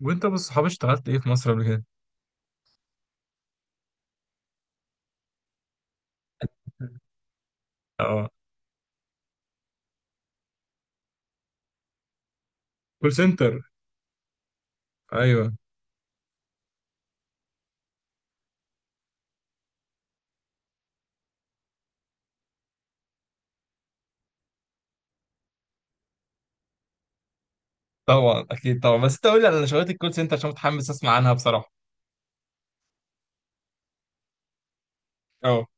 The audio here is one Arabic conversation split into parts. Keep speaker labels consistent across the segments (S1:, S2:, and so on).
S1: وانت بالصحاب اشتغلت ايه في مصر قبل كده؟ اه. كول سنتر. ايوه. طبعا، اكيد طبعا، بس انت قول لي على شغلات الكول سنتر عشان متحمس اسمع عنها بصراحه. اه.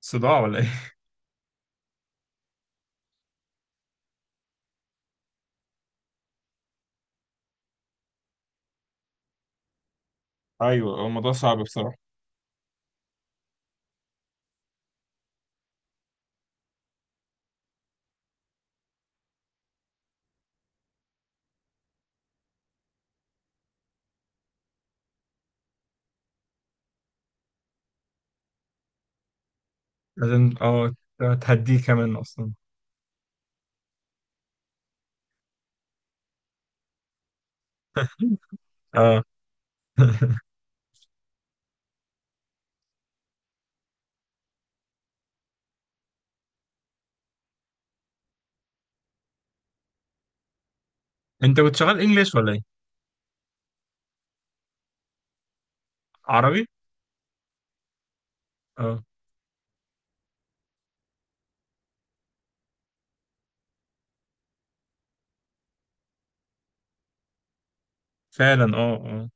S1: صداع ولا ايه؟ ايوه، هو الموضوع صعب بصراحه. لازم. اه تهديه كمان اصلا. اه. انت كنت شغال انجليش ولا ايه؟ عربي. اه، فعلا. اه. اه.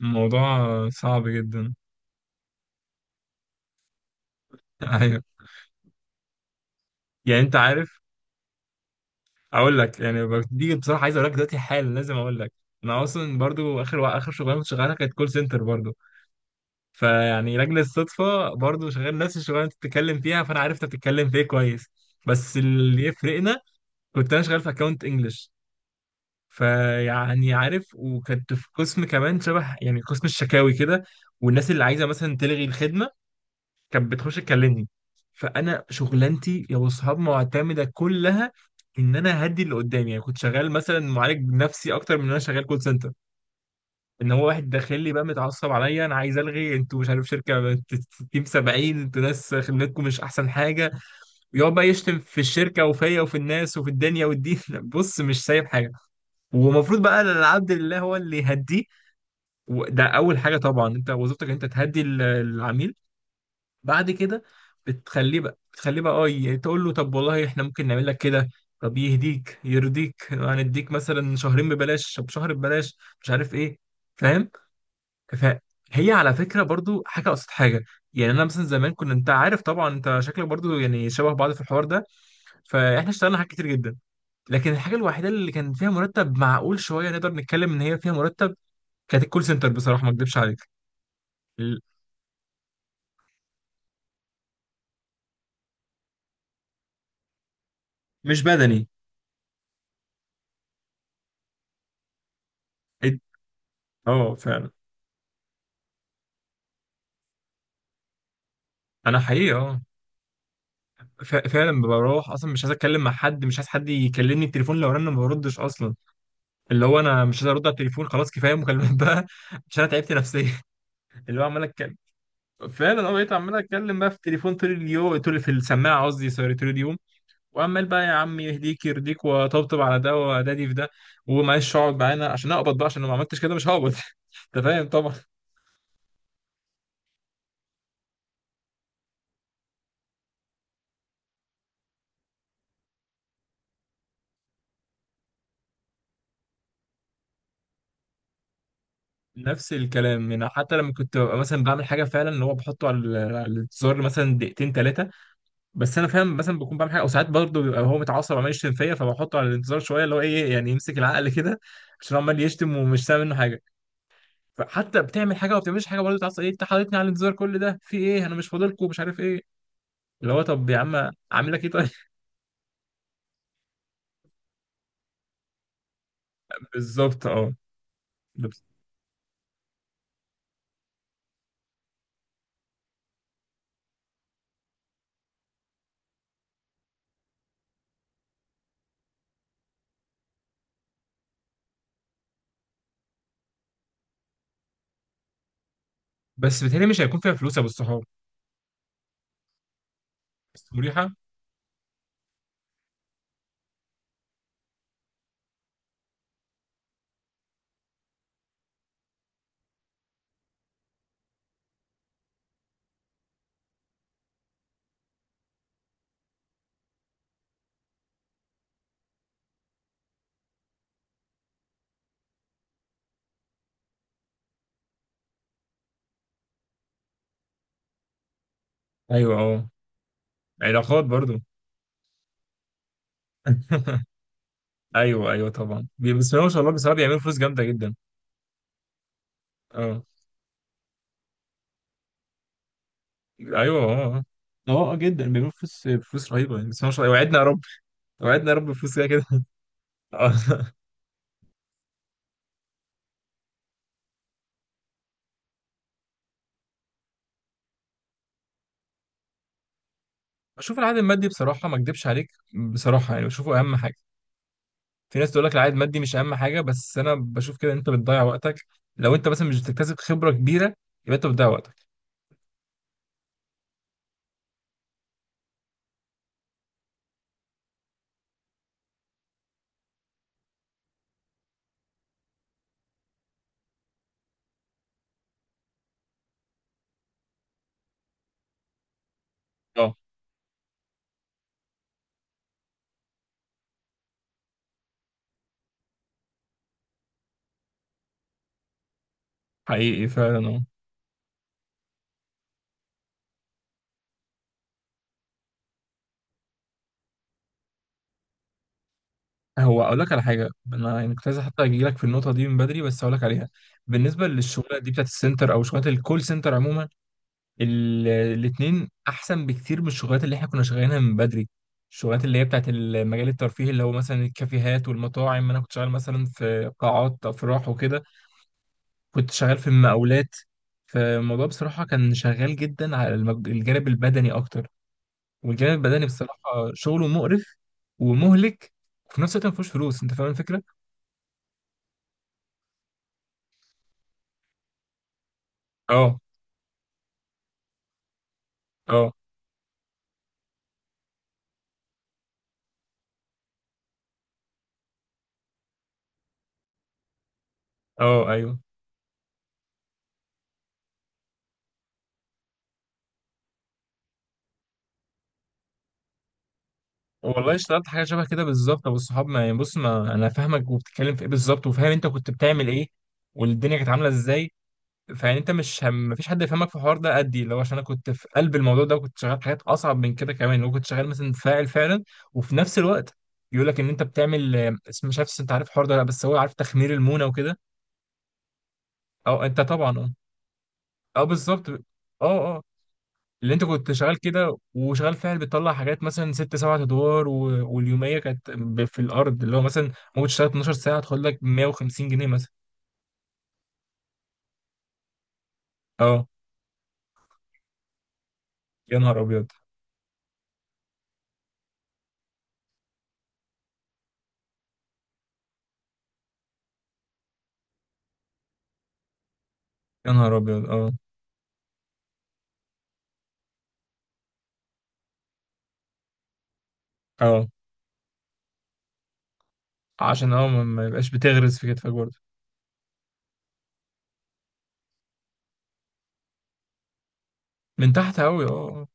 S1: الموضوع صعب جدا. ايوه. يعني انت عارف، اقول لك، يعني دي بصراحه عايز اقول لك دلوقتي حالا، لازم اقول لك انا اصلا برضو اخر اخر شغلانه كنت شغالها كانت كول سنتر برضو. فيعني لاجل الصدفه برضو شغال نفس الشغلانه اللي انت بتتكلم فيها، فانا عرفت بتتكلم في ايه كويس. بس اللي يفرقنا، كنت انا شغال في اكونت انجلش. فيعني عارف، وكنت في قسم كمان شبه يعني قسم الشكاوي كده. والناس اللي عايزه مثلا تلغي الخدمه كانت بتخش تكلمني. فانا شغلانتي يا اصحاب معتمده كلها ان انا هدي اللي قدامي، يعني كنت شغال مثلا معالج نفسي اكتر من ان انا شغال كول سنتر. ان هو واحد داخل لي بقى متعصب عليا، انا عايز الغي، انتوا مش عارف شركه تيم 70، انتوا ناس خدمتكم مش احسن حاجه. ويقعد بقى يشتم في الشركه وفيا وفي الناس وفي الدنيا والدين. بص، مش سايب حاجه. ومفروض بقى العبد لله هو اللي يهديه. وده اول حاجه طبعا، انت وظيفتك انت تهدي العميل بعد كده. بتخليه بقى تقول له طب والله احنا ممكن نعمل لك كده. طب يهديك يرضيك، يعني هنديك مثلا شهرين ببلاش، طب شهر ببلاش، مش عارف ايه. فاهم. فهي على فكره برضو حاجه قصاد حاجه. يعني انا مثلا زمان كنا، انت عارف طبعا، انت شكلك برضو يعني شبه بعض في الحوار ده، فاحنا اشتغلنا حاجات كتير جدا. لكن الحاجه الوحيده اللي كان فيها مرتب معقول شويه نقدر نتكلم ان هي فيها مرتب، كانت الكول سنتر بصراحه ما اكدبش عليك. ال- مش بدني. إد- اه، فعلا. انا حقيقي اه، فعلا بروح اصلا مش عايز اتكلم مع حد، مش عايز حد يكلمني. التليفون لو رن ما بردش اصلا، اللي هو انا مش عايز ارد على التليفون. خلاص، كفايه مكالمات بقى. عشان انا تعبت نفسيا. اللي هو عمال أتك- فعلا انا بقيت عمال اتكلم بقى في التليفون طول اليوم، طول في السماعه، قصدي سوري، طول اليوم. وعمال بقى يا عم يهديك يرضيك وطبطب على ده، ودادي في ده. ومعلش اقعد معانا عشان اقبض بقى، عشان لو ما عملتش كده مش هقبض. انت فاهم طبعا. نفس الكلام، يعني حتى لما كنت ببقى مثلا بعمل حاجه فعلا، اللي هو بحطه على على الزر مثلا دقيقتين ثلاثه. بس انا فاهم مثلا بكون بعمل حاجه، او ساعات برضه بيبقى هو متعصب وعمال يشتم فيا، فبحطه على الانتظار شويه، اللي هو ايه يعني يمسك العقل كده، عشان عمال يشتم ومش سامع منه حاجه. فحتى بتعمل حاجه وما بتعملش حاجه برضه تعصب، ايه انت حاططني على الانتظار كل ده في ايه، انا مش فاضلكم، مش عارف ايه. اللي هو طب يا عم عامل لك ايه طيب. بالظبط، اه. بس بس بتهيألي مش هيكون فيها فلوس يا ابو الصحاب. بس مريحه. ايوه، اه، علاقات برضه. ايوه، ايوه، طبعا، بسم الله ما شاء الله، بصراحه بيعملوا فلوس جامده جدا. اه. ايوه. اه. اه. جدا بيعملوا فلوس، فلوس رهيبه، يعني بسم الله ما شاء الله، وعدنا يا رب. وعدنا يا رب بفلوس، كده كده. آه. بشوف العائد المادي بصراحه ما اكدبش عليك، بصراحه يعني بشوفه اهم حاجه. في ناس تقول لك العائد المادي مش اهم حاجه، بس انا بشوف كده إن انت بتضيع وقتك. لو انت مثلا مش بتكتسب خبره كبيره، يبقى انت بتضيع وقتك. اه، حقيقي فعلا. اه، هو اقول لك على حاجه، انا يعني كنت عايز حتى اجي لك في النقطه دي من بدري، بس اقول لك عليها. بالنسبه للشغلات دي بتاعت السنتر او شغلات الكول سنتر عموما، الاثنين احسن بكتير من الشغلات اللي احنا كنا شغالينها من بدري. الشغلات اللي هي بتاعت المجال الترفيهي، اللي هو مثلا الكافيهات والمطاعم، انا كنت شغال مثلا في قاعات افراح وكده، كنت شغال في المقاولات. فالموضوع بصراحة كان شغال جدا على الجانب البدني أكتر. والجانب البدني بصراحة شغله مقرف ومهلك، وفي نفس الوقت مفيهوش فلوس. أنت فاهم الفكرة؟ اه. اه. اه. ايوه. والله اشتغلت حاجة شبه كده بالظبط أبو الصحاب، ما يعني بص، ما أنا فاهمك وبتتكلم في إيه بالظبط، وفاهم أنت كنت بتعمل إيه والدنيا كانت عاملة إزاي. فيعني انت مش مفيش حد يفهمك في الحوار ده قدي، اللي هو عشان انا كنت في قلب الموضوع ده، وكنت شغال حاجات اصعب من كده كمان، وكنت شغال مثلا فاعل فعلا. وفي نفس الوقت يقول لك ان انت بتعمل، مش عارف، انت عارف الحوار ده ولا لا، بس هو عارف تخمير المونه وكده. او انت طبعا، اه. اه، بالظبط، اه. اه. اللي انت كنت شغال كده وشغال فاعل بتطلع حاجات مثلا ست سبعة ادوار و... واليوميه كانت في الارض، اللي هو مثلا ممكن تشتغل 12 ساعه تاخد لك 150 جنيه مثلا. اه، يا نهار ابيض. يا نهار ابيض. اه. اه، عشان ما يبقاش بتغرز في كتفك برضه. من تحت قوي، اه.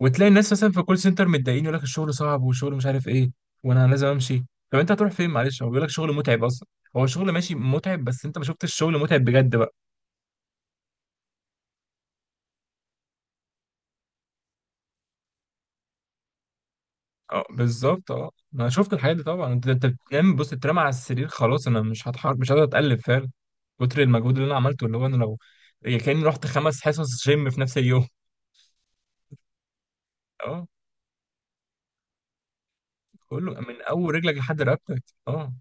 S1: وتلاقي الناس مثلا في الكول سنتر متضايقين يقول لك الشغل صعب، والشغل مش عارف ايه، وانا لازم امشي. طب انت هتروح فين معلش؟ هو بيقول لك شغل متعب اصلا. هو شغل ماشي متعب، بس انت ما شفتش الشغل متعب بجد بقى. اه، بالظبط، اه، انا شفت الحاجات دي طبعا. انت بتنام، بص، تترمى على السرير. خلاص، انا مش هتحرك، مش قادر اتقلب فعلا. كتر المجهود اللي انا عملته، اللي هو انا لو، يعني كاني رحت خمس حصص جيم في نفس اليوم. اه، كله من اول رجلك لحد رقبتك. اه.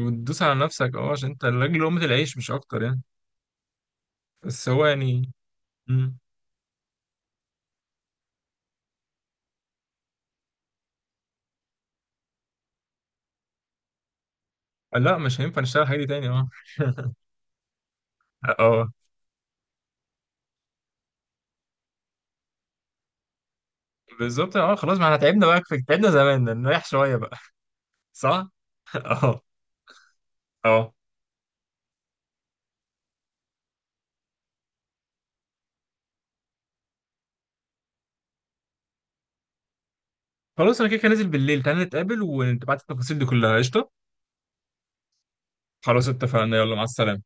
S1: وتدوس على نفسك، اه، عشان انت الراجل، لقمة العيش مش اكتر يعني. بس هو يعني. مم. آه، لا، مش هينفع نشتغل الحاجة دي تاني. اه. اه، بالظبط، اه. خلاص، ما احنا تعبنا بقى كفاية، تعبنا زمان، نريح شوية بقى. صح؟ اه. اه. خلاص انا كده كده نازل بالليل، تعالى نتقابل وتبعت التفاصيل دي كلها قشطة. خلاص اتفقنا، يلا مع السلامة.